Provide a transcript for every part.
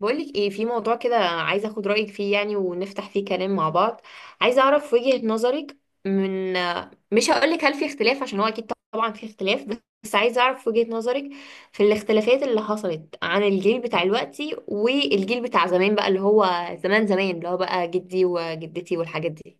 بقولك ايه في موضوع كده، عايزه اخد رايك فيه يعني ونفتح فيه كلام مع بعض. عايزه اعرف وجهة نظرك. من مش هقولك هل في اختلاف، عشان هو اكيد طبعا في اختلاف، بس عايزه اعرف وجهة نظرك في الاختلافات اللي حصلت عن الجيل بتاع دلوقتي والجيل بتاع زمان، بقى اللي هو زمان اللي هو بقى جدي وجدتي والحاجات دي.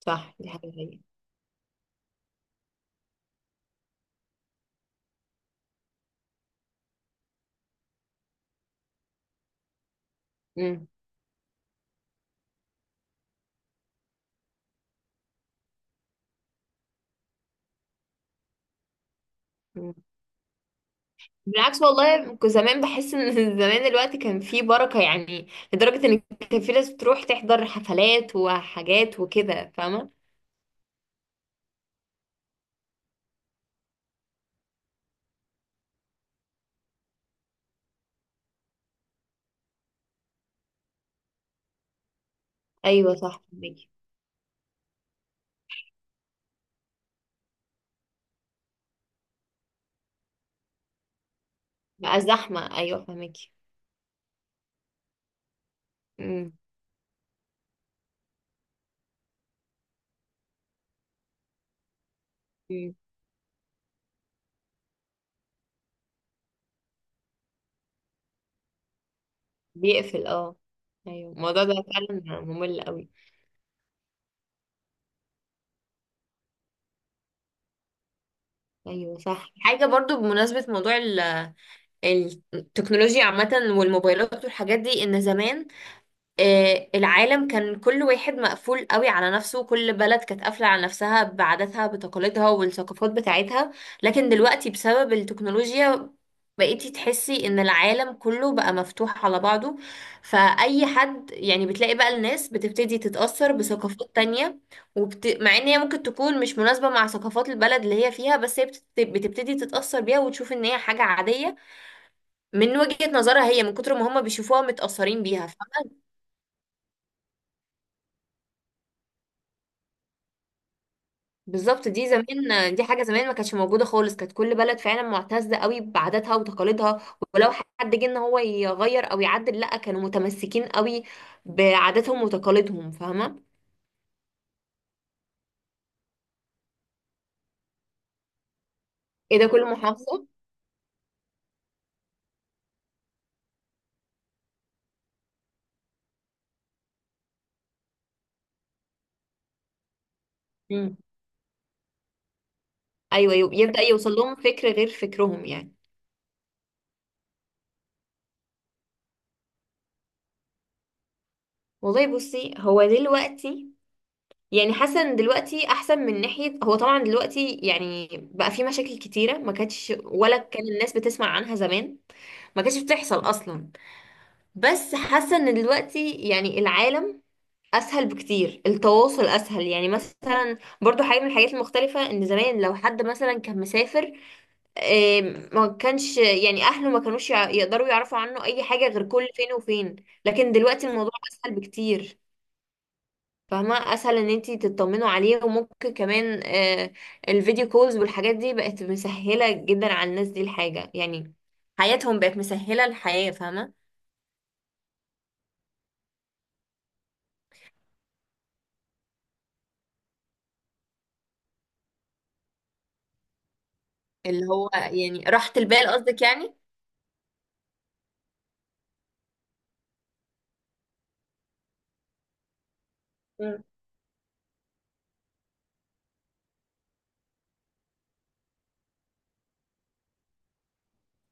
صح، دي حاجه. هي بالعكس، والله كنت زمان بحس ان زمان الوقت كان فيه بركة، يعني لدرجة ان كان في ناس بتروح تحضر حفلات وحاجات وكده، فاهمة؟ ايوه صح، فهميكي. بقى زحمة، ايوه فهميكي. امم أمم. بيقفل، اه. ايوه الموضوع ده فعلا ممل قوي. ايوه صح، حاجة برضو بمناسبة موضوع التكنولوجيا عامة والموبايلات والحاجات دي، ان زمان العالم كان كل واحد مقفول قوي على نفسه، كل بلد كانت قافلة على نفسها بعاداتها بتقاليدها والثقافات بتاعتها. لكن دلوقتي بسبب التكنولوجيا بقيتي تحسي ان العالم كله بقى مفتوح على بعضه، فأي حد يعني بتلاقي بقى الناس بتبتدي تتأثر بثقافات تانية. مع ان هي ممكن تكون مش مناسبة مع ثقافات البلد اللي هي فيها، بس هي بتبتدي تتأثر بيها وتشوف ان هي حاجة عادية من وجهة نظرها، هي من كتر ما هم بيشوفوها متأثرين بيها. بالظبط، دي زمان دي حاجه زمان ما كانتش موجوده خالص، كانت كل بلد فعلا معتزه قوي بعاداتها وتقاليدها، ولو حد جه ان هو يغير او يعدل لا، كانوا متمسكين قوي بعاداتهم وتقاليدهم، فاهمه؟ ايه ده، كل محافظه؟ امم، ايوه يبدا يوصل لهم فكر غير فكرهم يعني. والله بصي، هو دلوقتي يعني حسن، دلوقتي احسن من ناحيه، هو طبعا دلوقتي يعني بقى في مشاكل كتيره ما كانتش، ولا كان الناس بتسمع عنها زمان، ما كانتش بتحصل اصلا. بس حاسه ان دلوقتي يعني العالم اسهل بكتير، التواصل اسهل. يعني مثلا برضو حاجه من الحاجات المختلفه، ان زمان لو حد مثلا كان مسافر ما كانش يعني اهله ما كانوش يقدروا يعرفوا عنه اي حاجه غير كل فين وفين، لكن دلوقتي الموضوع اسهل بكتير. فاهمه؟ اسهل ان انتي تطمنوا عليه، وممكن كمان الفيديو كولز والحاجات دي بقت مسهله جدا على الناس دي الحاجه، يعني حياتهم بقت مسهله الحياه، فاهمه؟ اللي هو يعني راحة البال قصدك يعني. مم.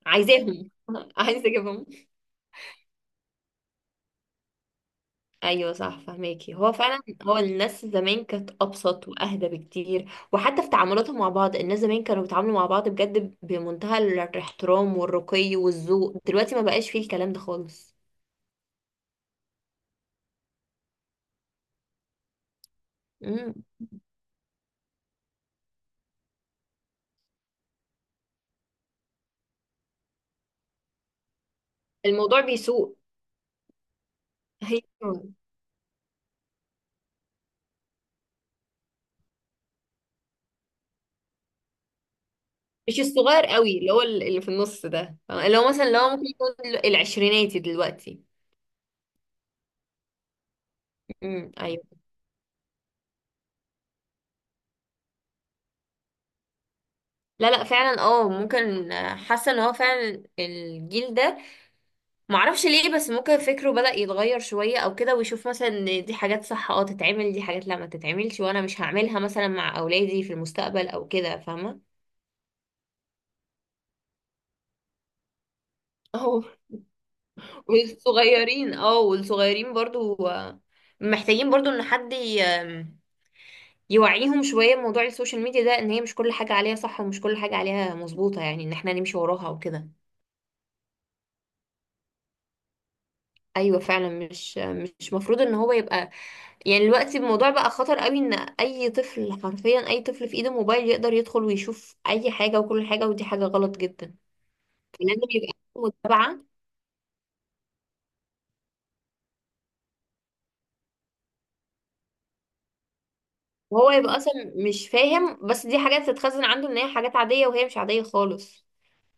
عايزاهم عايزة اجيبهم. ايوه صح، فهماكي. هو فعلا هو الناس زمان كانت ابسط واهدى بكتير، وحتى في تعاملاتهم مع بعض الناس زمان كانوا بيتعاملوا مع بعض بجد بمنتهى الاحترام والرقي والذوق، دلوقتي ما بقاش فيه الكلام ده خالص. مم. الموضوع بيسوء. ايوه، مش الصغير قوي، اللي هو اللي في النص ده، اللي هو مثلا اللي هو ممكن يكون العشريناتي دلوقتي. ايوه. لا فعلا، اه ممكن، حاسه ان هو فعلا الجيل ده معرفش ليه، بس ممكن فكره بدأ يتغير شوية او كده، ويشوف مثلا ان دي حاجات صح اه تتعمل، دي حاجات لا ما تتعملش وانا مش هعملها مثلا مع اولادي في المستقبل او كده، فاهمة؟ اهو. والصغيرين اه، والصغيرين برضو محتاجين برضو ان حد ي- آم، يوعيهم شوية موضوع السوشيال ميديا ده، ان هي مش كل حاجة عليها صح ومش كل حاجة عليها مظبوطة، يعني ان احنا نمشي وراها وكده. ايوه فعلا، مش مفروض ان هو يبقى، يعني دلوقتي الموضوع بقى خطر قوي، ان اي طفل حرفيا اي طفل في ايده موبايل يقدر يدخل ويشوف اي حاجه وكل حاجه، ودي حاجه غلط جدا. لازم يبقى عنده متابعه. وهو يبقى اصلا مش فاهم، بس دي حاجات تتخزن عنده ان هي حاجات عاديه وهي مش عاديه خالص.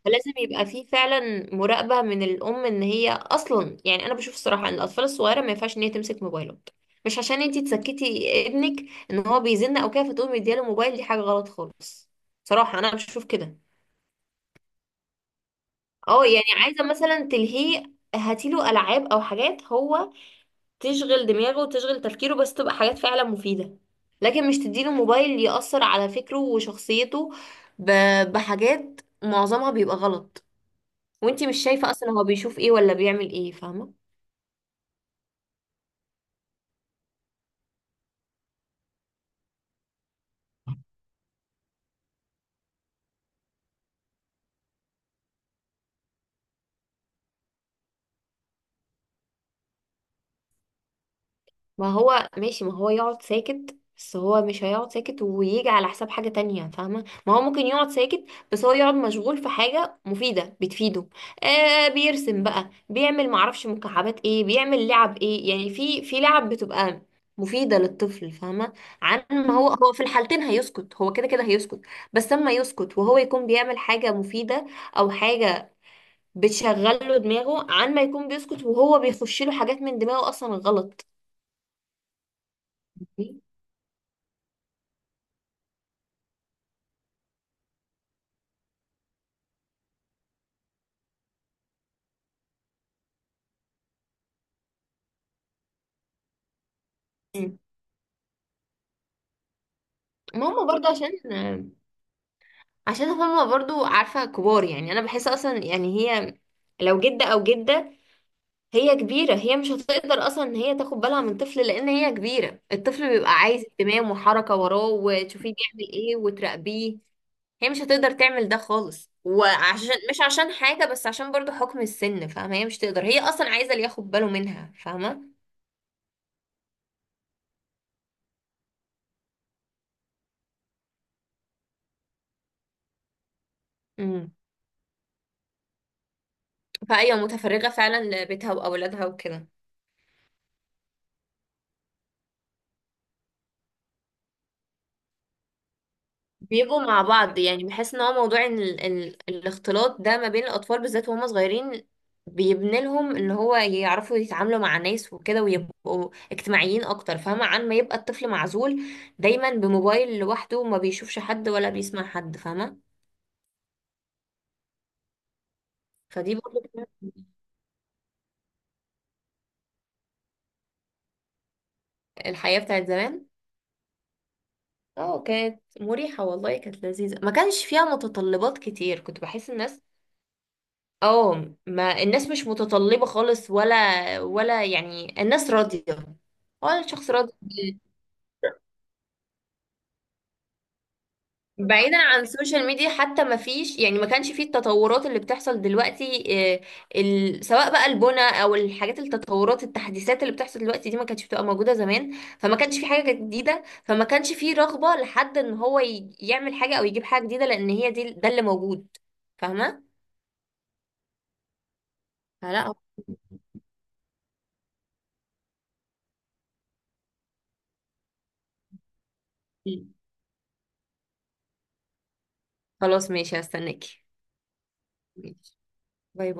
فلازم يبقى فيه فعلا مراقبه من الام، ان هي اصلا يعني انا بشوف الصراحه ان الاطفال الصغيره ما ينفعش ان هي تمسك موبايلات. مش عشان انتي تسكتي ابنك ان هو بيزن او كده فتقومي مدياله موبايل، دي حاجه غلط خالص، صراحه انا بشوف كده. اه يعني عايزة مثلا تلهيه، هاتيله ألعاب أو حاجات هو تشغل دماغه وتشغل تفكيره، بس تبقى حاجات فعلا مفيدة، لكن مش تديله موبايل يأثر على فكره وشخصيته بحاجات معظمها بيبقى غلط، وانتي مش شايفة أصلا هو بيشوف ايه ولا بيعمل ايه، فاهمة؟ ما هو ماشي، ما هو يقعد ساكت، بس هو مش هيقعد ساكت ويجي على حساب حاجة تانية، فاهمة؟ ما هو ممكن يقعد ساكت بس هو يقعد مشغول في حاجة مفيدة بتفيده. آه بيرسم بقى، بيعمل معرفش مكعبات ايه، بيعمل لعب ايه، يعني في لعب بتبقى مفيدة للطفل، فاهمة؟ عن ما هو هو في الحالتين هيسكت، هو كده كده هيسكت، بس اما يسكت وهو يكون بيعمل حاجة مفيدة او حاجة بتشغله دماغه، عن ما يكون بيسكت وهو بيخش له حاجات من دماغه اصلا غلط. ما هم برضه عشان، عشان هم برضه عارفة كبار، يعني أنا بحس أصلا يعني هي لو جدة أو جدة هي كبيرة، هي مش هتقدر أصلا إن هي تاخد بالها من طفل، لأن هي كبيرة، الطفل بيبقى عايز اهتمام وحركة وراه وتشوفيه بيعمل إيه وتراقبيه. هي مش هتقدر تعمل ده خالص، وعشان مش عشان حاجة بس عشان برضه حكم السن، فاهمة؟ هي مش تقدر، هي أصلا عايزة اللي ياخد باله منها، فاهمة؟ امم. فأيوة متفرغة فعلا لبيتها وأولادها وكده. بيبقوا مع بعض، يعني بحس ان هو موضوع إن الاختلاط ده ما بين الاطفال بالذات وهم صغيرين بيبني لهم ان هو يعرفوا يتعاملوا مع ناس وكده ويبقوا اجتماعيين اكتر، فاهمة؟ عن ما يبقى الطفل معزول دايما بموبايل لوحده وما بيشوفش حد ولا بيسمع حد، فاهمة؟ فدي برضه كانت الحياة بتاعت زمان. اه كانت مريحة، والله كانت لذيذة، ما كانش فيها متطلبات كتير، كنت بحس الناس اه، ما الناس مش متطلبة خالص، ولا يعني الناس راضية، ولا الشخص راضي. بعيدا عن السوشيال ميديا حتى، ما فيش يعني ما كانش فيه التطورات اللي بتحصل دلوقتي، آه، سواء بقى البنى او الحاجات، التطورات التحديثات اللي بتحصل دلوقتي دي ما كانتش بتبقى موجودة زمان، فما كانش في حاجة جديدة، فما كانش فيه رغبة لحد ان هو يعمل حاجة او يجيب حاجة جديدة، لان هي دي ده اللي موجود، فاهمة؟ فلا هو- خلاص ماشي، هستناكي. ماشي، باي.